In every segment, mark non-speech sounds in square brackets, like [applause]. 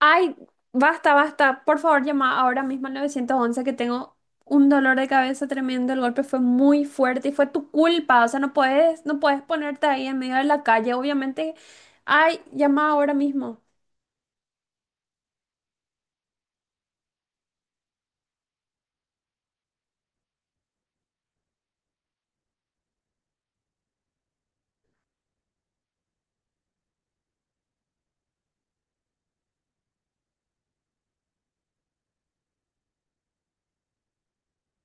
Ay, basta, basta. Por favor, llama ahora mismo al 911 que tengo un dolor de cabeza tremendo. El golpe fue muy fuerte y fue tu culpa. O sea, no puedes ponerte ahí en medio de la calle. Obviamente, ay, llama ahora mismo.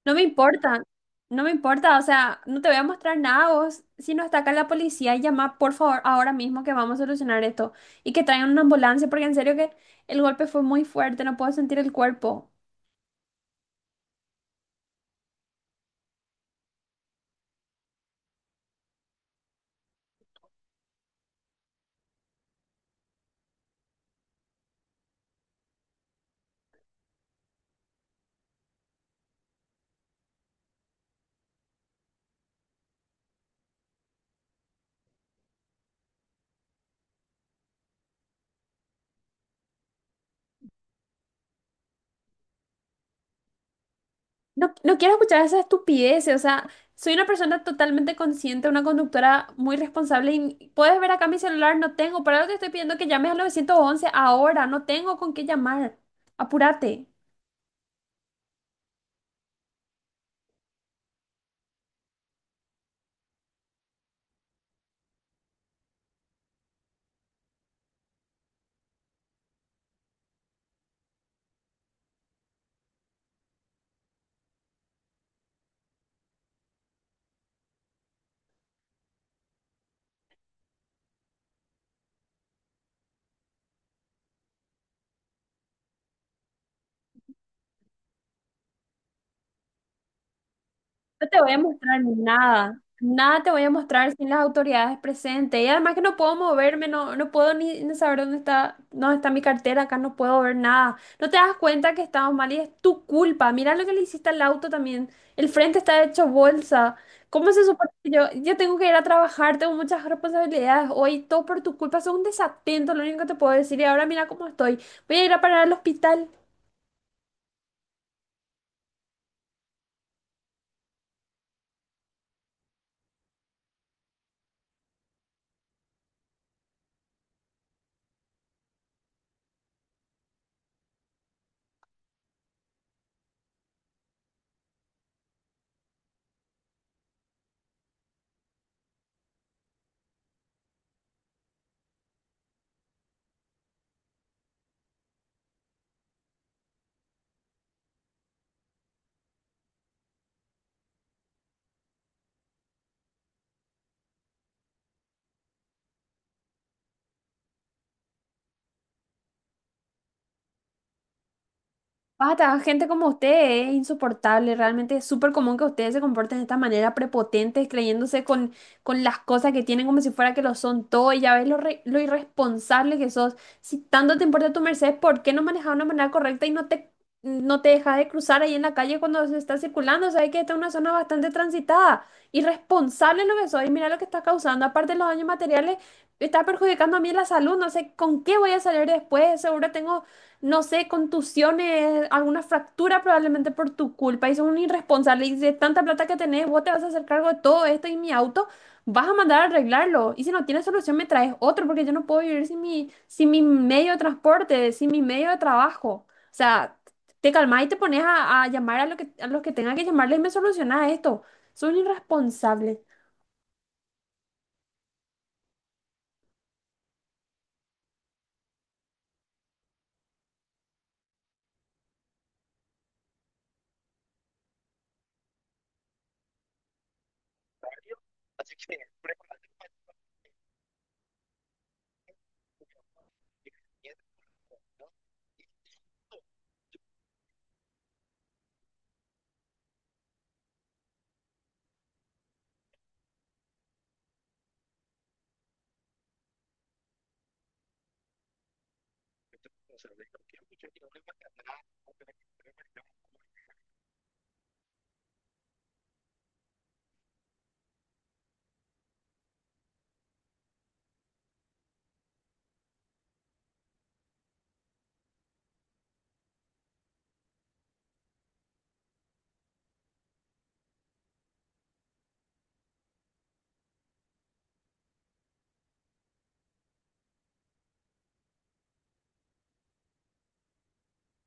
No me importa, no me importa. O sea, no te voy a mostrar nada vos. Si no está acá la policía, llama por favor ahora mismo que vamos a solucionar esto. Y que traigan una ambulancia porque en serio que el golpe fue muy fuerte. No puedo sentir el cuerpo. No, no quiero escuchar esa estupidez, o sea, soy una persona totalmente consciente, una conductora muy responsable y puedes ver acá mi celular, no tengo, por algo te estoy pidiendo que llames al 911 ahora, no tengo con qué llamar, apúrate. No te voy a mostrar nada, nada te voy a mostrar sin las autoridades presentes. Y además que no puedo moverme, no, no puedo ni saber dónde está mi cartera, acá no puedo ver nada. No te das cuenta que estamos mal y es tu culpa. Mira lo que le hiciste al auto también. El frente está hecho bolsa. ¿Cómo se supone que yo tengo que ir a trabajar? Tengo muchas responsabilidades hoy, todo por tu culpa. Soy un desatento, lo único que te puedo decir. Y ahora mira cómo estoy. Voy a ir a parar al hospital. Basta, gente como usted es insoportable, realmente es súper común que ustedes se comporten de esta manera, prepotentes, creyéndose con las cosas que tienen como si fuera que lo son todo, y ya ves lo, lo irresponsable que sos. Si tanto te importa tu Mercedes, ¿por qué no manejas de una manera correcta y no te dejas de cruzar ahí en la calle cuando se está circulando? Sabes que esta es una zona bastante transitada. Irresponsable lo que sos, y mira lo que estás causando, aparte de los daños materiales, está perjudicando a mí la salud, no sé con qué voy a salir después, seguro tengo no sé, contusiones, alguna fractura probablemente por tu culpa y sos un irresponsable y de tanta plata que tenés, vos te vas a hacer cargo de todo esto y mi auto, vas a mandar a arreglarlo. Y si no tienes solución, me traes otro porque yo no puedo vivir sin mi medio de transporte, sin mi medio de trabajo. O sea, te calmás y te pones a llamar a, lo que, a los que tengan que llamarles y me solucionás esto. Soy un irresponsable.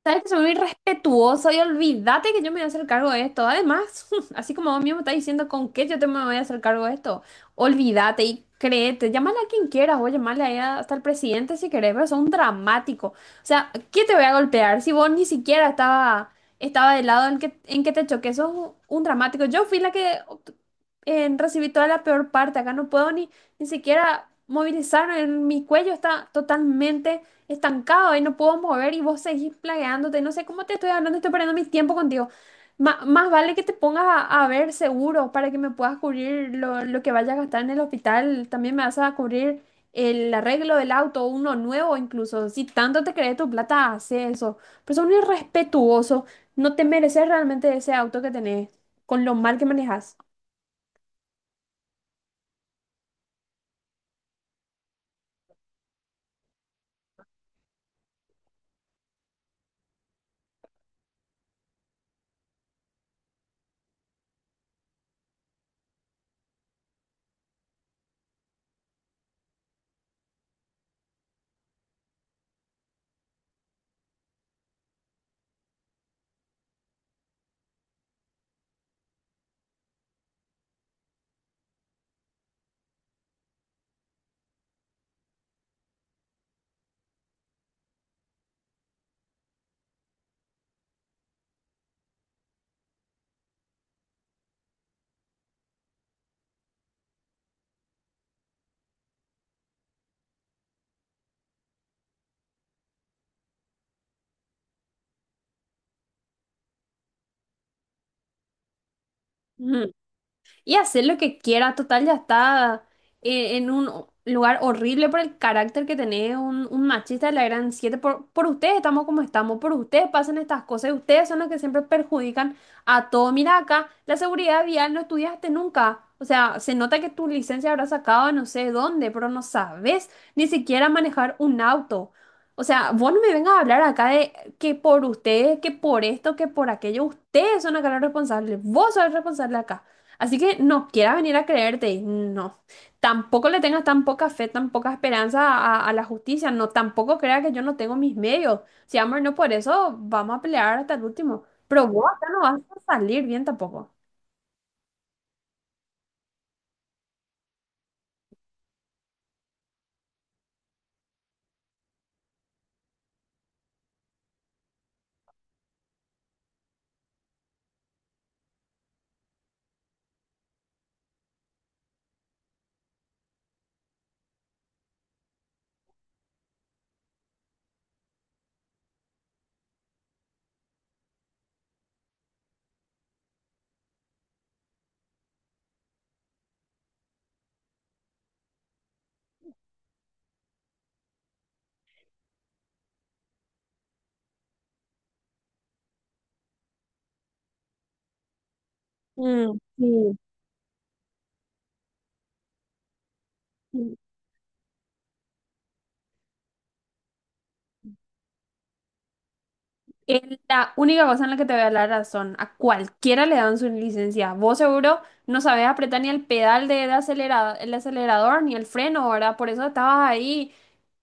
Sabes que soy muy respetuosa y olvídate que yo me voy a hacer cargo de esto. Además, [laughs] así como vos mismo estás diciendo con qué yo te me voy a hacer cargo de esto, olvídate y créete, llámale a quien quieras o llámale ahí hasta el presidente si querés, pero son dramático. O sea, ¿qué te voy a golpear si vos ni siquiera estaba, estaba del lado en que te choqué? Sos un dramático. Yo fui la que recibí toda la peor parte. Acá no puedo ni siquiera movilizarme. En Mi cuello está totalmente estancado y no puedo mover y vos seguís plagueándote. No sé cómo te estoy hablando, estoy perdiendo mi tiempo contigo. Más vale que te pongas a ver seguro para que me puedas cubrir lo que vayas a gastar en el hospital. También me vas a cubrir el arreglo del auto, uno nuevo incluso. Si tanto te crees tu plata, hace eso. Pero son irrespetuoso. No te mereces realmente ese auto que tenés, con lo mal que manejas. Y hacer lo que quiera. Total, ya está en un lugar horrible por el carácter que tenés, un machista de la gran siete. Por ustedes estamos como estamos, por ustedes pasan estas cosas y ustedes son los que siempre perjudican a todo. Mira acá, la seguridad vial no estudiaste nunca. O sea, se nota que tu licencia habrá sacado no sé dónde, pero no sabes ni siquiera manejar un auto. O sea, vos no me vengas a hablar acá de que por ustedes, que por esto, que por aquello, ustedes son acá los responsables, vos sos el responsable acá. Así que no quiera venir a creerte, no. Tampoco le tengas tan poca fe, tan poca esperanza a la justicia, no. Tampoco crea que yo no tengo mis medios. Si amor, no por eso vamos a pelear hasta el último. Pero vos acá no vas a salir bien tampoco. Mm, sí, sí. Es la única cosa en la que te voy a dar la razón. A cualquiera le dan su licencia. Vos seguro no sabés apretar ni el pedal el acelerador ni el freno, ¿verdad? Por eso estabas ahí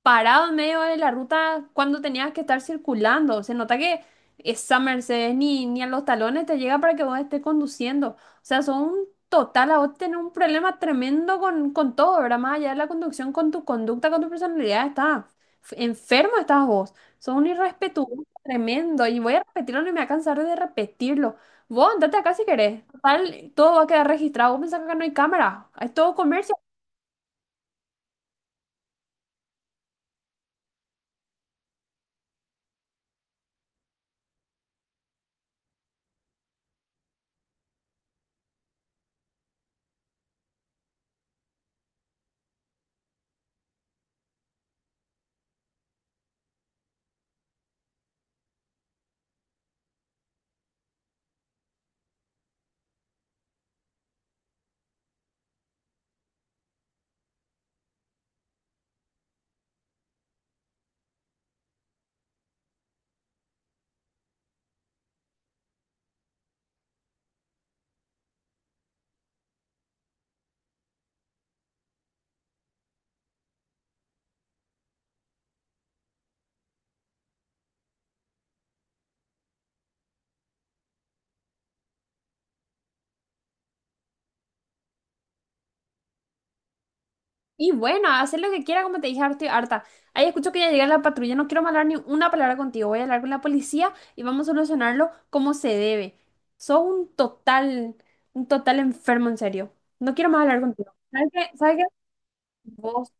parado en medio de la ruta cuando tenías que estar circulando. Se nota que esa Mercedes ni a los talones te llega para que vos estés conduciendo. O sea, son un total, a vos tenés un problema tremendo con todo, ¿verdad? Más allá de la conducción, con tu conducta, con tu personalidad, estás enfermo, estás vos. Sos un irrespetuoso tremendo. Y voy a repetirlo, no me voy a cansar de repetirlo. Vos andate acá si querés. Total, todo va a quedar registrado. Vos pensás que acá no hay cámara. Es todo comercio. Y bueno, hacer lo que quiera, como te dije, ahora estoy harta. Ahí escucho que ya llega la patrulla, no quiero hablar ni una palabra contigo. Voy a hablar con la policía y vamos a solucionarlo como se debe. Sos un total enfermo, en serio. No quiero más hablar contigo. ¿Sabes qué? ¿Sabes qué? Vos